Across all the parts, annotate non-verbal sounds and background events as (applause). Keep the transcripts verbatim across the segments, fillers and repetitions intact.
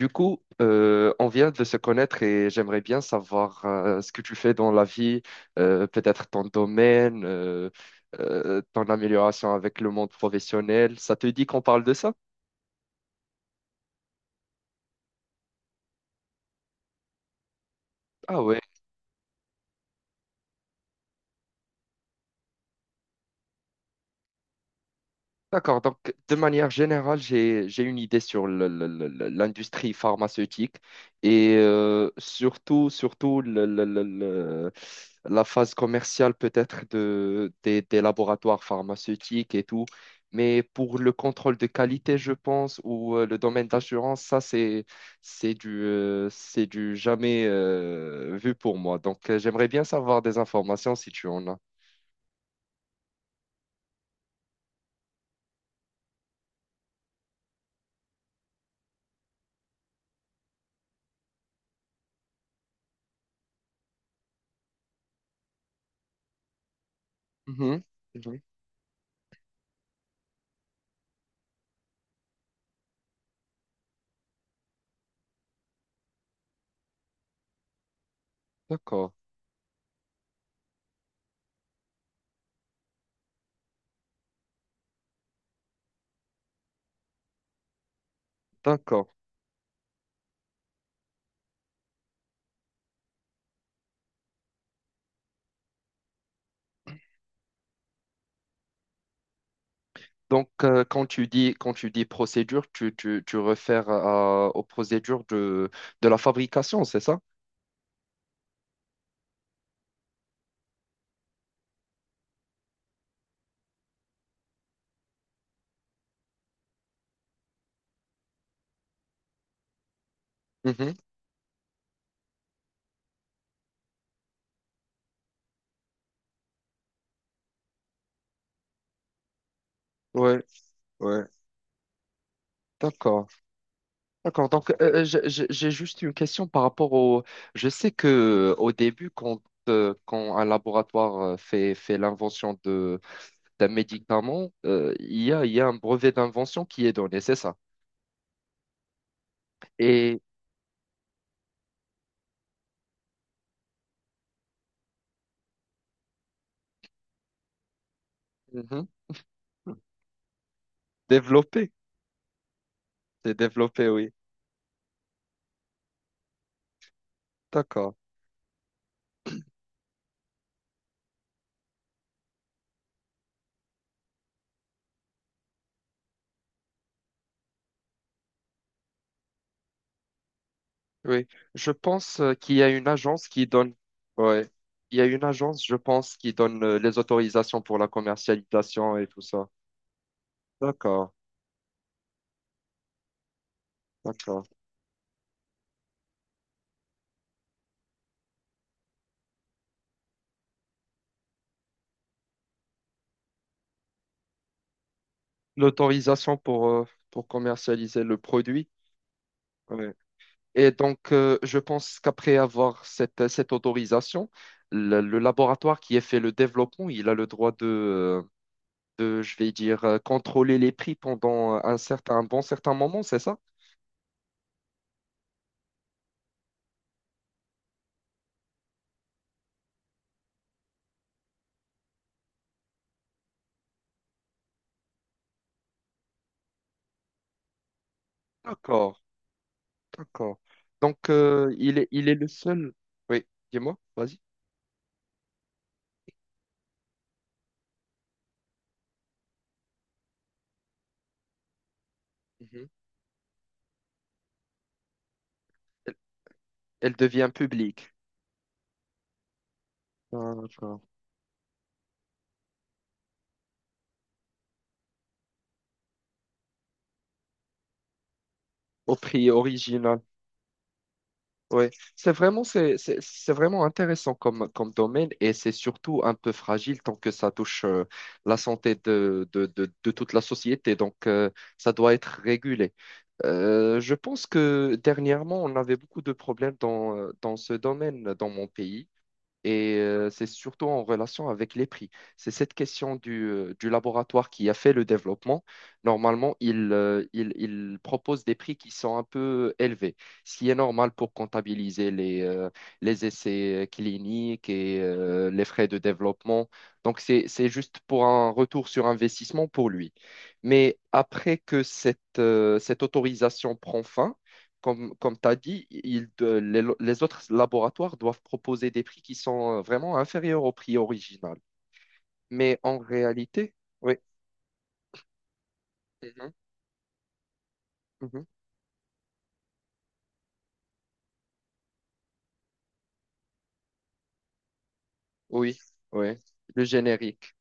Du coup, euh, on vient de se connaître et j'aimerais bien savoir euh, ce que tu fais dans la vie, euh, peut-être ton domaine, euh, euh, ton amélioration avec le monde professionnel. Ça te dit qu'on parle de ça? Ah ouais. D'accord, donc de manière générale, j'ai, j'ai une idée sur le- le- le- le- l'industrie pharmaceutique et euh, surtout, surtout le- le- le- le- la phase commerciale peut-être de, des, des laboratoires pharmaceutiques et tout. Mais pour le contrôle de qualité, je pense, ou euh, le domaine d'assurance, ça, c'est, c'est du, euh, c'est du jamais euh, vu pour moi. Donc, euh, j'aimerais bien savoir des informations si tu en as. Mhm, mhm. D'accord, d'accord. Donc, euh, quand tu dis, quand tu dis procédure, tu, tu, tu refères à- aux procédures de, de la fabrication, c'est ça? Mhm. Ouais, ouais. D'accord, d'accord. Donc, euh, euh, j'ai j'ai- j'ai juste une question par rapport au. Je sais que euh, au début, quand, euh, quand un laboratoire euh, fait, fait l'invention de, d'un médicament, euh, il y a, il y a un brevet d'invention qui est donné, c'est ça. Et. Mhm. Développé, c'est développé, oui. D'accord. Oui, je pense euh, qu'il y a une agence qui donne, ouais, il y a une agence, je pense, qui donne euh, les autorisations pour la commercialisation et tout ça. D'accord, d'accord. L'autorisation pour, euh, pour commercialiser le produit. Ouais. Et donc, euh, je pense qu'après avoir cette, euh, cette autorisation, le, le laboratoire qui a fait le développement, il a le droit de, euh, de, je vais dire, euh, contrôler les prix pendant un certain, un bon certain moment, c'est ça? D'accord, d'accord. Donc, euh, il est, il est le seul. Oui, dis-moi, vas-y. Mhm. Elle, elle devient publique. D'accord. Au prix original. Oui, c'est vraiment, c'est, c'est, c'est vraiment intéressant comme, comme domaine et c'est surtout un peu fragile tant que ça touche euh, la santé de, de, de, de toute la société. Donc, euh, ça doit être régulé. Euh, je pense que dernièrement, on avait beaucoup de problèmes dans, euh, dans ce domaine, dans mon pays. Et euh, c'est surtout en relation avec les prix. C'est cette question du, euh, du laboratoire qui a fait le développement. Normalement, il, euh, il, il propose des prix qui sont un peu élevés, ce qui est normal pour comptabiliser les, euh, les essais euh, cliniques et euh, les frais de développement. Donc, c'est, c'est juste pour un retour sur investissement pour lui. Mais après que cette, euh, cette autorisation prend fin, comme, comme tu as dit, ils de- les, les autres laboratoires doivent proposer des prix qui sont euh, vraiment inférieurs au prix original. Mais en réalité, oui. Mhm, mhm. Oui, oui, le générique.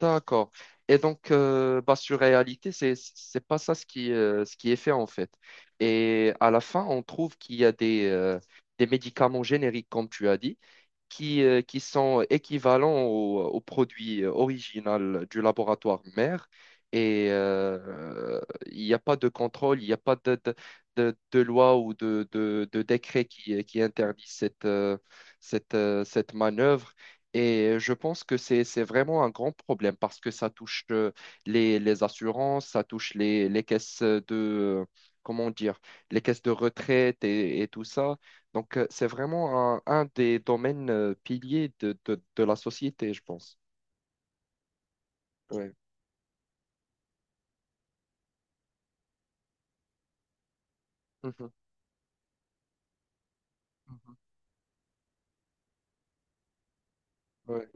D'accord. Et donc, euh, bah, sur réalité, c'est, c'est pas ça ce qui, euh, ce qui est fait en fait. Et à la fin, on trouve qu'il y a des, euh, des médicaments génériques, comme tu as dit, qui, euh, qui sont équivalents au, au produit original du laboratoire mère. Et euh, il n'y a pas de contrôle, il n'y a pas de, de, de- de loi ou de, de, de décret qui, qui interdit cette, euh, cette, euh, cette manœuvre. Et je pense que c'est, c'est vraiment un grand problème parce que ça touche euh, les, les assurances, ça touche les, les caisses de, euh, comment dire, les caisses de retraite et, et tout ça. Donc, euh, c'est vraiment un, un des domaines euh, piliers de, de, de la société, je pense. Ouais. Mhm. Mhm. Ouais,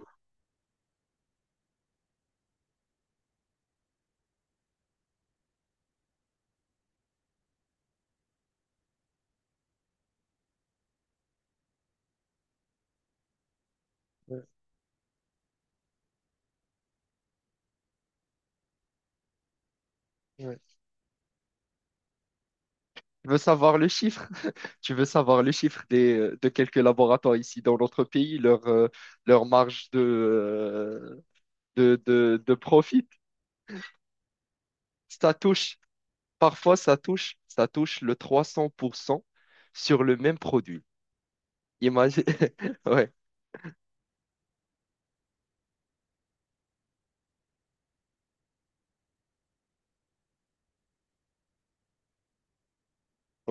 ouais, ouais. Tu veux savoir le chiffre? (laughs) Tu veux savoir le chiffre des, euh, de quelques laboratoires ici dans notre pays, leur, euh, leur marge de, euh, de, de, de profit? Ça touche, parfois ça touche, ça touche le trois cents pour cent sur le même produit. Imagine. (laughs) Ouais,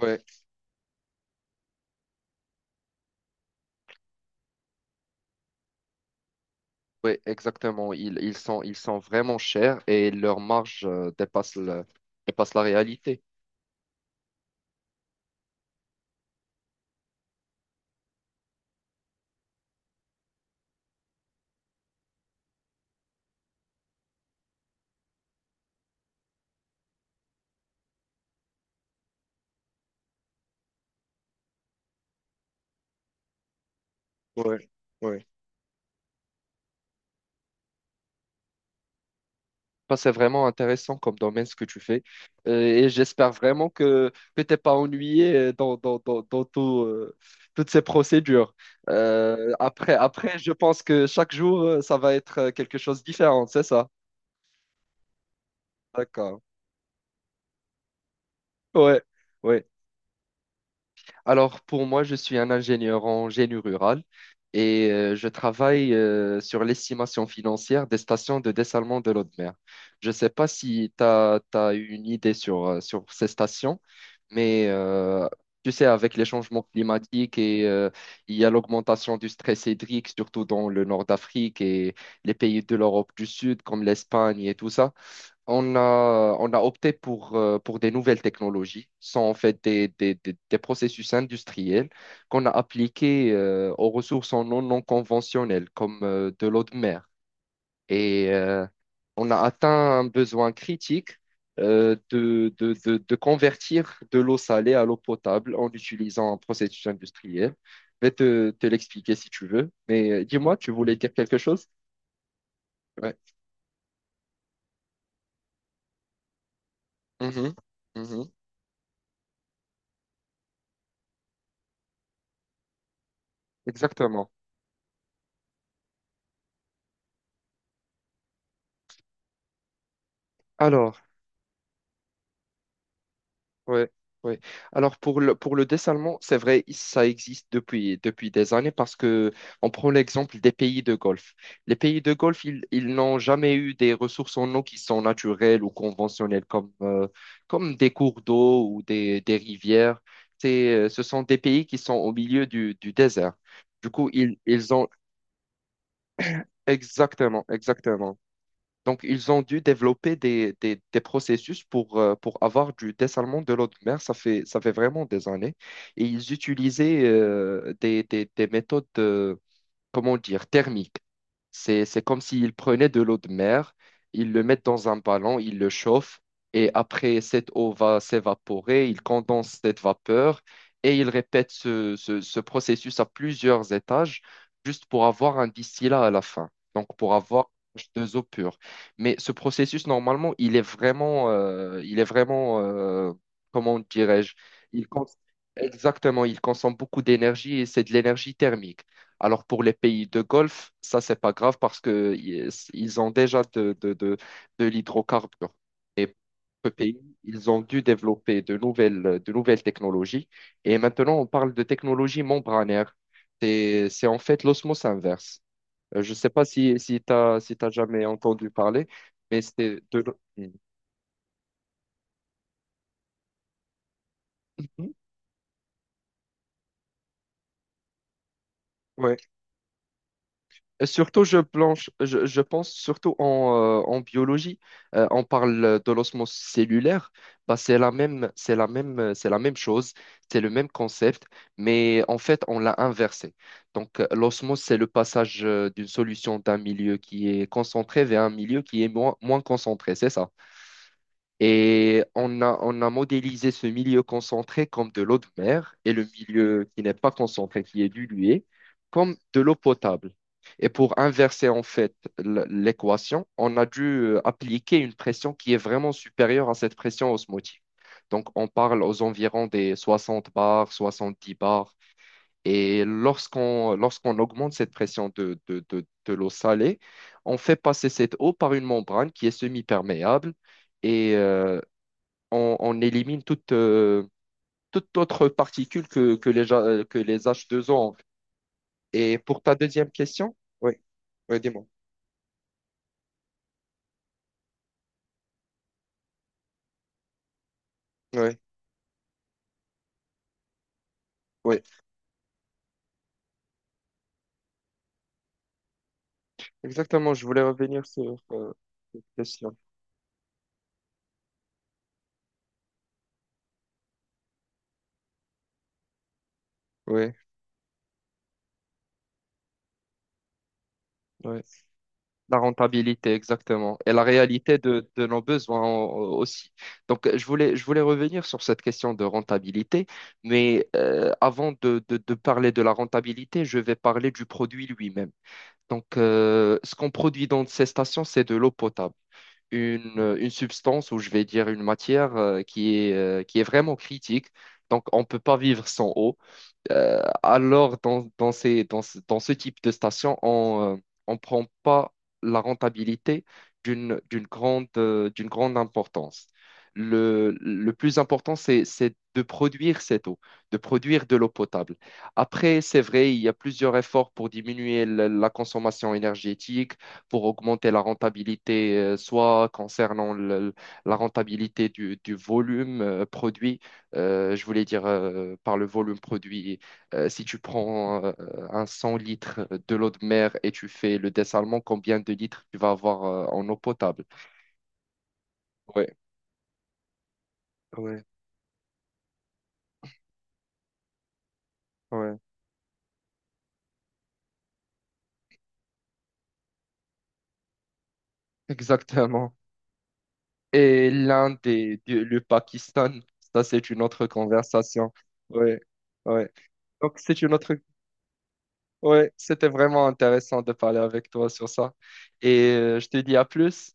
ouais. Oui, exactement. Ils, ils sont, ils sont vraiment chers et leur marge euh, dépasse le- dépasse la réalité. Ouais, ouais. Bah, c'est vraiment intéressant comme domaine ce que tu fais. Euh, et j'espère vraiment que, que tu n'es pas ennuyé euh, dans, dans, dans, dans tout, euh, toutes ces procédures. Euh, après, après, je pense que chaque jour, euh, ça va être euh, quelque chose de différent, c'est ça? D'accord. Ouais, ouais. Alors, pour moi, je suis un ingénieur en génie rural et euh, je travaille euh, sur l'estimation financière des stations de dessalement de l'eau de mer. Je ne sais pas si tu as une idée sur, euh, sur ces stations, mais euh, tu sais, avec les changements climatiques et euh, il y a l'augmentation du stress hydrique, surtout dans le nord d'Afrique et les pays de l'Europe du Sud, comme l'Espagne et tout ça. On a, on a opté pour, euh, pour des nouvelles technologies. Ce sont en fait des, des, des- des processus industriels qu'on a appliqués euh, aux ressources en eau non conventionnelles, comme euh, de l'eau de mer. Et euh, on a atteint un besoin critique euh, de, de, de, de convertir de l'eau salée à l'eau potable en utilisant un processus industriel. Je vais te, te l'expliquer si tu veux. Mais euh, dis-moi, tu voulais dire quelque chose? Ouais. Mhm. Mhm. Exactement. Alors. Ouais, ouais. Alors pour le, pour le dessin allemand, c'est vrai, ça existe depuis, depuis des années parce que on prend l'exemple des pays de Golfe. Les pays de Golfe, ils, ils n'ont jamais eu des ressources en eau qui sont naturelles ou conventionnelles comme, euh, comme des cours d'eau ou des, des rivières. C'est, euh, ce sont des pays qui sont au milieu du, du désert. Du coup, ils, ils ont exactement, exactement. Donc, ils ont dû développer des, des- des processus pour, euh, pour avoir du dessalement de l'eau de mer. Ça fait, ça fait vraiment des années. Et ils utilisaient euh, des, des- des méthodes euh, comment dire, thermique. C'est, c'est comme s'ils prenaient de l'eau de mer, ils le mettent dans un ballon, ils le chauffent, et après, cette eau va s'évaporer, ils condensent cette vapeur, et ils répètent ce, ce- ce processus à plusieurs étages, juste pour avoir un distillat à la fin, donc pour avoir H deux O pur. Mais ce processus, normalement, il est vraiment, euh, il est vraiment, euh, comment dirais-je, il cons- exactement, il consomme beaucoup d'énergie et c'est de l'énergie thermique. Alors pour les pays de Golfe, ça, c'est pas grave parce que ils ils ont déjà de, de, de, de l'hydrocarbure. Et pour ce pays, ils ont dû développer de nouvelles, de nouvelles technologies. Et maintenant, on parle de technologie membranaire. C'est, c'est en fait l'osmose inverse. Euh, Je ne sais pas si, si tu as, si t'as jamais entendu parler, mais c'est de... l'o- Mhm. Ouais. Euh, Surtout, je, planche, je, je pense surtout en, euh, en biologie. Euh, on parle de l'osmose cellulaire. Bah, c'est la même, c'est la même, euh, c'est la même chose, c'est le même concept, mais en fait, on l'a inversé. Donc, euh, l'osmose, c'est le passage euh, d'une solution d'un milieu qui est concentré vers un milieu qui est moins, moins concentré, c'est ça? Et on a, on a modélisé ce milieu concentré comme de l'eau de mer et le milieu qui n'est pas concentré, qui est dilué, comme de l'eau potable. Et pour inverser en fait l- l'équation, on a dû euh, appliquer une pression qui est vraiment supérieure à cette pression osmotique. Donc on parle aux environs des soixante bars, soixante-dix bars. Et lorsqu'on lorsqu'on augmente cette pression de, de, de, de l'eau salée, on fait passer cette eau par une membrane qui est semi-perméable. Et euh, on, on élimine toute, euh, toute autre particule que, que les, ja- que les H deux O, en fait. Et pour ta deuxième question, oui, oui, dis-moi. Oui, oui, exactement. Je voulais revenir sur euh, cette question. Oui, oui. La rentabilité, exactement. Et la réalité de, de nos besoins euh, aussi. Donc, euh, je voulais, je voulais revenir sur cette question de rentabilité, mais euh, avant de, de de parler de la rentabilité, je vais parler du produit lui-même. Donc, euh, ce qu'on produit dans ces stations, c'est de l'eau potable, une, euh, une substance ou je vais dire une matière euh, qui est, euh, qui est vraiment critique. Donc, on ne peut pas vivre sans eau. Euh, alors, dans, dans ces, dans ce, dans ce type de station, on ne prend pas la rentabilité d'une, d'une grande, euh, d'une grande importance. Le, le plus important, c'est, c'est de produire cette eau, de produire de l'eau potable. Après, c'est vrai, il y a plusieurs efforts pour diminuer la, la consommation énergétique, pour augmenter la rentabilité, euh, soit concernant le- la rentabilité du, du volume euh, produit, euh, je voulais dire euh, par le volume produit, euh, si tu prends euh, un cent litres de l'eau de mer et tu fais le dessalement, combien de litres tu vas avoir euh, en eau potable? Ouais, ouais, ouais, exactement. Et l'Inde et du- le Pakistan, ça c'est une autre conversation. Ouais, ouais. Donc c'est une autre. Ouais, c'était vraiment intéressant de parler avec toi sur ça. Et euh, je te dis à plus.